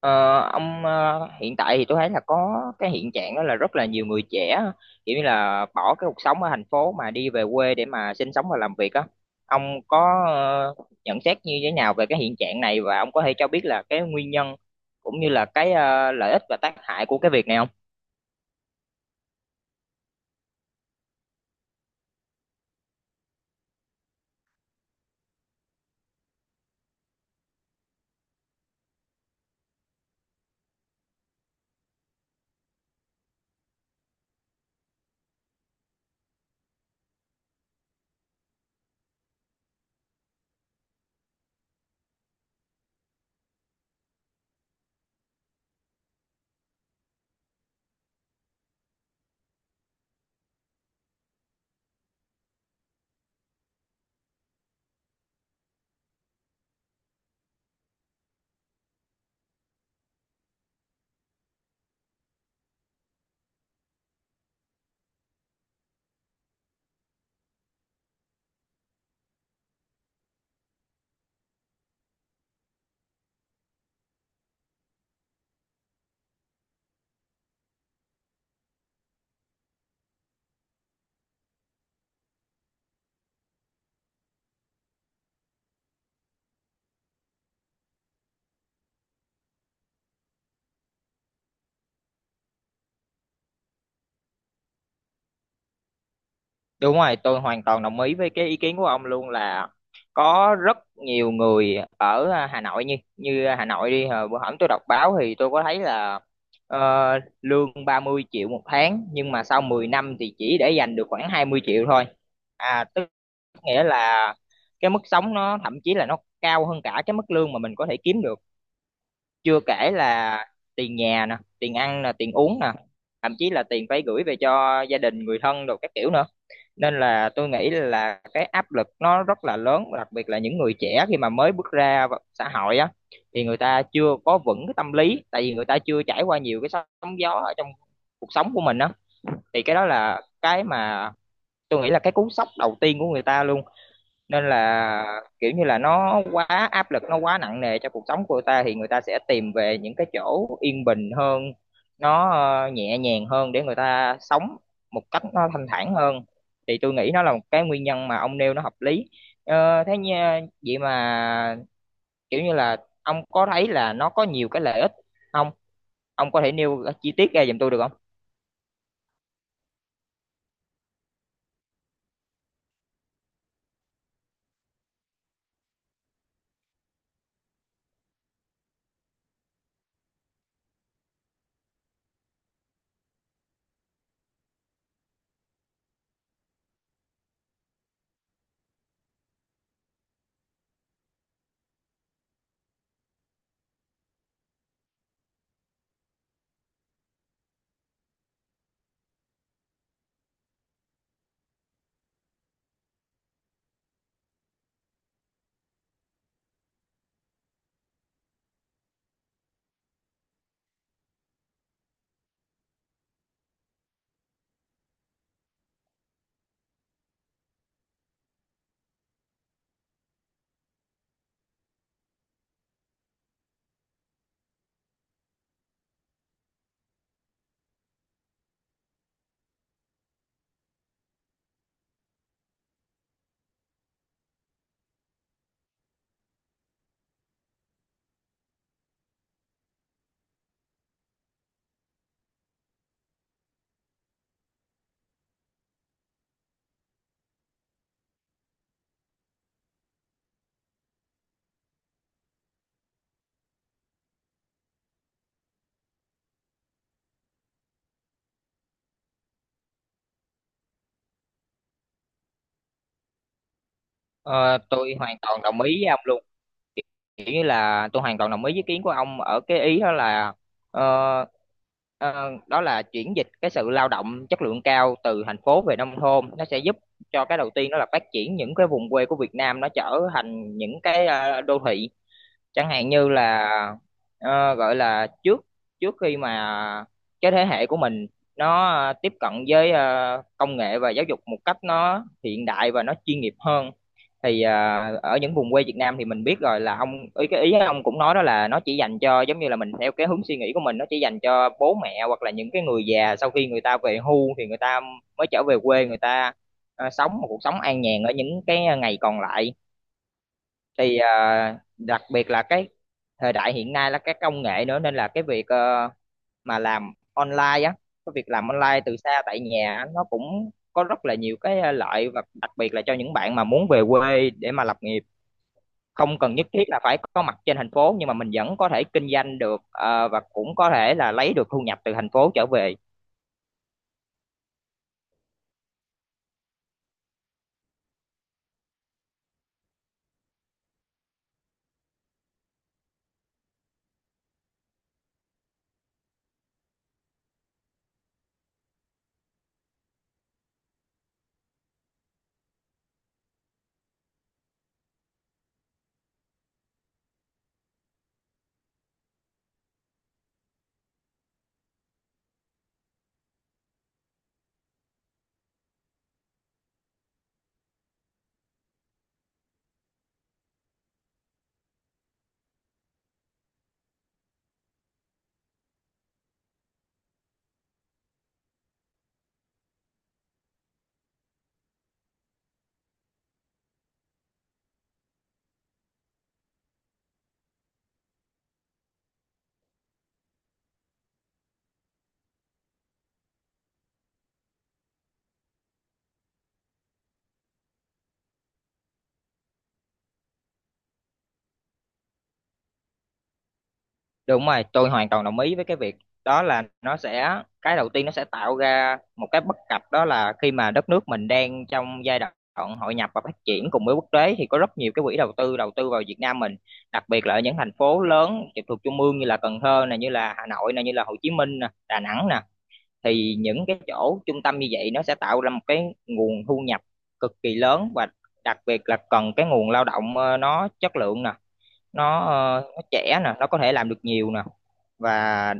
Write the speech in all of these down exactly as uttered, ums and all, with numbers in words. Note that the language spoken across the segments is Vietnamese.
Ờ, ông ờ, hiện tại thì tôi thấy là có cái hiện trạng đó là rất là nhiều người trẻ kiểu như là bỏ cái cuộc sống ở thành phố mà đi về quê để mà sinh sống và làm việc á. Ông có ờ, nhận xét như thế nào về cái hiện trạng này và ông có thể cho biết là cái nguyên nhân cũng như là cái ờ, lợi ích và tác hại của cái việc này không? Đúng rồi, tôi hoàn toàn đồng ý với cái ý kiến của ông luôn là có rất nhiều người ở à, Hà Nội, như như Hà Nội đi, hồi bữa hổm tôi đọc báo thì tôi có thấy là ờ, lương ba mươi triệu một tháng nhưng mà sau mười năm thì chỉ để dành được khoảng hai mươi triệu thôi. À tức nghĩa là cái mức sống nó thậm chí là nó cao hơn cả cái mức lương mà mình có thể kiếm được, chưa kể là tiền nhà nè, tiền ăn nè, tiền uống nè, thậm chí là tiền phải gửi về cho gia đình người thân đồ các kiểu nữa, nên là tôi nghĩ là cái áp lực nó rất là lớn, đặc biệt là những người trẻ khi mà mới bước ra vào xã hội á thì người ta chưa có vững cái tâm lý, tại vì người ta chưa trải qua nhiều cái sóng gió ở trong cuộc sống của mình á, thì cái đó là cái mà tôi nghĩ là cái cú sốc đầu tiên của người ta luôn. Nên là kiểu như là nó quá áp lực, nó quá nặng nề cho cuộc sống của người ta thì người ta sẽ tìm về những cái chỗ yên bình hơn, nó ờ, nhẹ nhàng hơn để người ta sống một cách nó thanh thản hơn. Thì tôi nghĩ nó là một cái nguyên nhân mà ông nêu nó hợp lý. Ờ, thế như, vậy mà kiểu như là ông có thấy là nó có nhiều cái lợi ích không, ông có thể nêu chi tiết ra giùm tôi được không? Ờ, tôi hoàn toàn đồng ý với ông luôn, kiểu như là tôi hoàn toàn đồng ý với ý kiến của ông ở cái ý đó là, ờ, ờ, đó là chuyển dịch cái sự lao động chất lượng cao từ thành phố về nông thôn nó sẽ giúp cho, cái đầu tiên đó là phát triển những cái vùng quê của Việt Nam nó trở thành những cái ờ, đô thị. Chẳng hạn như là, ờ, gọi là, trước trước khi mà cái thế hệ của mình nó ờ, tiếp cận với ờ, công nghệ và giáo dục một cách nó hiện đại và nó chuyên nghiệp hơn thì ờ, ở những vùng quê Việt Nam thì mình biết rồi là, ông ý cái ý ông cũng nói đó là nó chỉ dành cho, giống như là mình theo cái hướng suy nghĩ của mình, nó chỉ dành cho bố mẹ hoặc là những cái người già, sau khi người ta về hưu thì người ta mới trở về quê người ta ờ, sống một cuộc sống an nhàn ở những cái ngày còn lại. Thì à, đặc biệt là cái thời đại hiện nay là các công nghệ nữa, nên là cái việc ờ, mà làm online á, cái việc làm online từ xa tại nhà á, nó cũng có rất là nhiều cái ờ, lợi, và đặc biệt là cho những bạn mà muốn về quê để mà lập nghiệp, không cần nhất thiết là phải có mặt trên thành phố nhưng mà mình vẫn có thể kinh doanh được ờ, và cũng có thể là lấy được thu nhập từ thành phố trở về. Đúng rồi, tôi hoàn toàn đồng ý với cái việc đó là, nó sẽ, cái đầu tiên nó sẽ tạo ra một cái bất cập đó là khi mà đất nước mình đang trong giai đoạn hội nhập và phát triển cùng với quốc tế thì có rất nhiều cái quỹ đầu tư đầu tư vào Việt Nam mình, đặc biệt là ở những thành phố lớn trực thuộc trung ương như là Cần Thơ nè, như là Hà Nội nè, như là Hồ Chí Minh nè, Đà Nẵng nè, thì những cái chỗ trung tâm như vậy nó sẽ tạo ra một cái nguồn thu nhập cực kỳ lớn, và đặc biệt là cần cái nguồn lao động ờ, nó chất lượng nè, nó ờ, nó trẻ nè, nó có thể làm được nhiều nè, và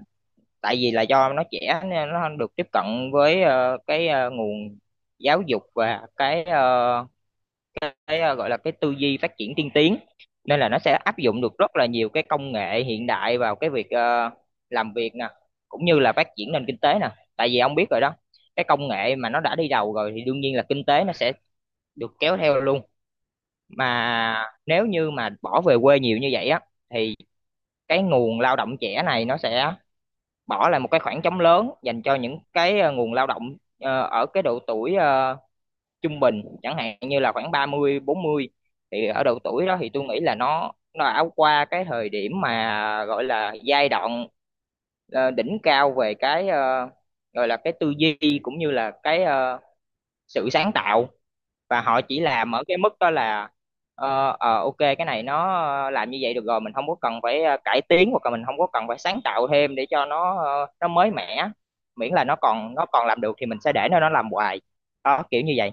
tại vì là do nó trẻ nên nó được tiếp cận với ờ, cái ờ, nguồn giáo dục và cái ờ, cái ờ, gọi là cái tư duy phát triển tiên tiến, nên là nó sẽ áp dụng được rất là nhiều cái công nghệ hiện đại vào cái việc ờ, làm việc nè cũng như là phát triển nền kinh tế nè. Tại vì ông biết rồi đó, cái công nghệ mà nó đã đi đầu rồi thì đương nhiên là kinh tế nó sẽ được kéo theo luôn, mà nếu như mà bỏ về quê nhiều như vậy á thì cái nguồn lao động trẻ này nó sẽ bỏ lại một cái khoảng trống lớn dành cho những cái ờ, nguồn lao động ờ, ở cái độ tuổi ờ, trung bình, chẳng hạn như là khoảng ba mươi bốn mươi, thì ở độ tuổi đó thì tôi nghĩ là nó nó đã qua cái thời điểm mà gọi là giai đoạn ờ, đỉnh cao về cái ờ, gọi là cái tư duy cũng như là cái ờ, sự sáng tạo, và họ chỉ làm ở cái mức đó là, ờ, ờ, ok, cái này nó ờ, làm như vậy được rồi, mình không có cần phải ờ, cải tiến hoặc là mình không có cần phải sáng tạo thêm để cho nó ờ, nó mới mẻ, miễn là nó còn nó còn làm được thì mình sẽ để nó nó làm hoài, đó kiểu như vậy.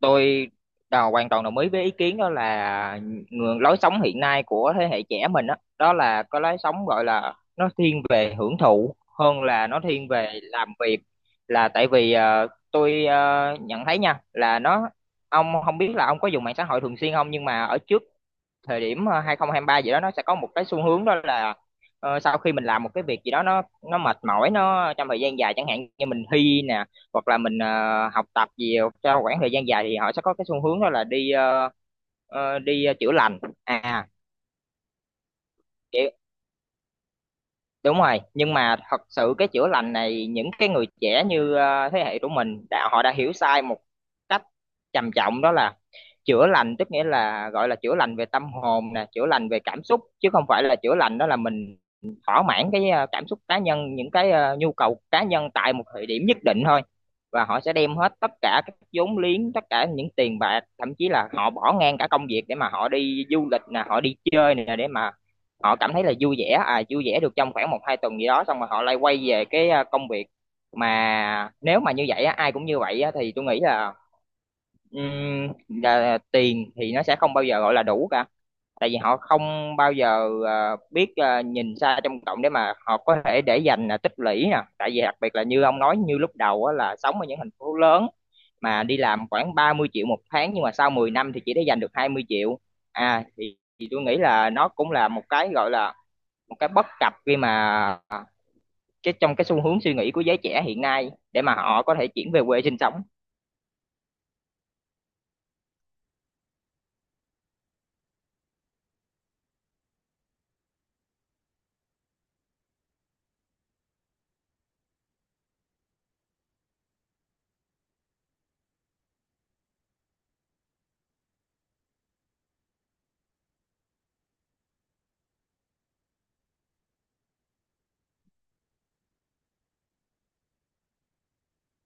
Tôi đào hoàn toàn đồng ý với ý kiến đó là, ngược lối sống hiện nay của thế hệ trẻ mình đó, đó là có lối sống gọi là nó thiên về hưởng thụ hơn là nó thiên về làm việc, là tại vì ờ, tôi ờ, nhận thấy nha là nó, ông không biết là ông có dùng mạng xã hội thường xuyên không, nhưng mà ở trước thời điểm ờ, hai không hai ba gì đó, nó sẽ có một cái xu hướng đó là ờ, sau khi mình làm một cái việc gì đó nó nó mệt mỏi nó trong thời gian dài, chẳng hạn như mình thi nè hoặc là mình ờ, học tập gì trong khoảng thời gian dài thì họ sẽ có cái xu hướng đó là đi ờ, ờ, đi ờ, chữa lành à. Đúng rồi, nhưng mà thật sự cái chữa lành này, những cái người trẻ như ờ, thế hệ của mình đã, họ đã hiểu sai một cách trầm trọng, đó là chữa lành tức nghĩa là gọi là chữa lành về tâm hồn nè, chữa lành về cảm xúc, chứ không phải là chữa lành đó là mình thỏa mãn cái ờ, cảm xúc cá nhân, những cái ờ, nhu cầu cá nhân tại một thời điểm nhất định thôi, và họ sẽ đem hết tất cả các vốn liếng, tất cả những tiền bạc, thậm chí là họ bỏ ngang cả công việc để mà họ đi du lịch nè, họ đi chơi nè để mà họ cảm thấy là vui vẻ, à, vui vẻ được trong khoảng một hai tuần gì đó, xong rồi họ lại quay về cái à, công việc. Mà nếu mà như vậy á, ai cũng như vậy á, thì tôi nghĩ là, ừm, là tiền thì nó sẽ không bao giờ gọi là đủ cả, tại vì họ không bao giờ à, biết à, nhìn xa trông rộng để mà họ có thể để dành à, tích lũy nè, tại vì đặc biệt là như ông nói như lúc đầu á, là sống ở những thành phố lớn mà đi làm khoảng ba mươi triệu một tháng nhưng mà sau mười năm thì chỉ để dành được hai mươi triệu. À thì, thì tôi nghĩ là nó cũng là một cái gọi là một cái bất cập khi mà, cái trong cái xu hướng suy nghĩ của giới trẻ hiện nay để mà họ có thể chuyển về quê sinh sống.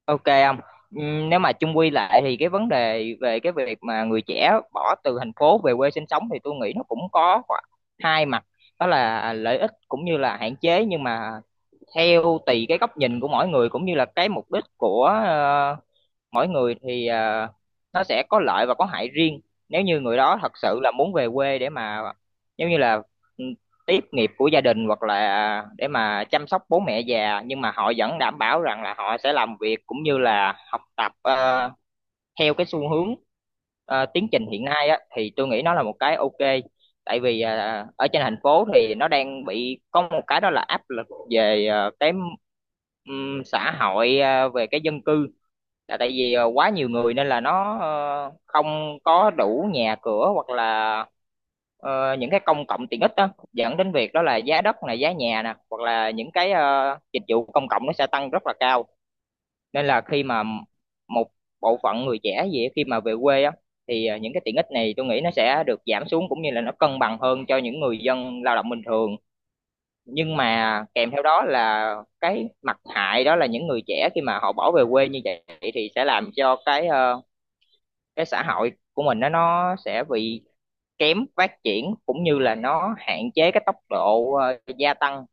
Ok, không. Nếu mà chung quy lại thì cái vấn đề về cái việc mà người trẻ bỏ từ thành phố về quê sinh sống thì tôi nghĩ nó cũng có hai mặt, đó là lợi ích cũng như là hạn chế, nhưng mà theo tùy cái góc nhìn của mỗi người cũng như là cái mục đích của ờ, mỗi người thì à, nó sẽ có lợi và có hại riêng. Nếu như người đó thật sự là muốn về quê để mà giống như là ừ, tiếp nghiệp của gia đình hoặc là để mà chăm sóc bố mẹ già, nhưng mà họ vẫn đảm bảo rằng là họ sẽ làm việc cũng như là học tập ờ, theo cái xu hướng ờ, tiến trình hiện nay á, thì tôi nghĩ nó là một cái ok. Tại vì ờ, ở trên thành phố thì nó đang bị có một cái, đó là áp lực về ờ, cái ừm, xã hội, ờ, về cái dân cư, là tại vì ờ, quá nhiều người nên là nó ờ, không có đủ nhà cửa hoặc là ờ, những cái công cộng tiện ích, đó dẫn đến việc đó là giá đất này, giá nhà nè, hoặc là những cái ờ, dịch vụ công cộng nó sẽ tăng rất là cao, nên là khi mà một bộ phận người trẻ gì á, khi mà về quê á thì ờ, những cái tiện ích này tôi nghĩ nó sẽ được giảm xuống cũng như là nó cân bằng hơn cho những người dân lao động bình thường, nhưng mà kèm theo đó là cái mặt hại, đó là những người trẻ khi mà họ bỏ về quê như vậy thì sẽ làm cho cái ờ, cái xã hội của mình nó nó sẽ bị kém phát triển, cũng như là nó hạn chế cái tốc độ ờ, gia tăng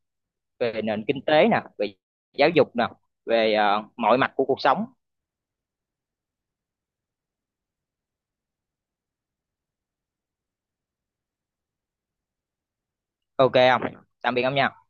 về nền kinh tế nè, về giáo dục nè, về ờ, mọi mặt của cuộc sống. Ok, không. Tạm biệt ông nha.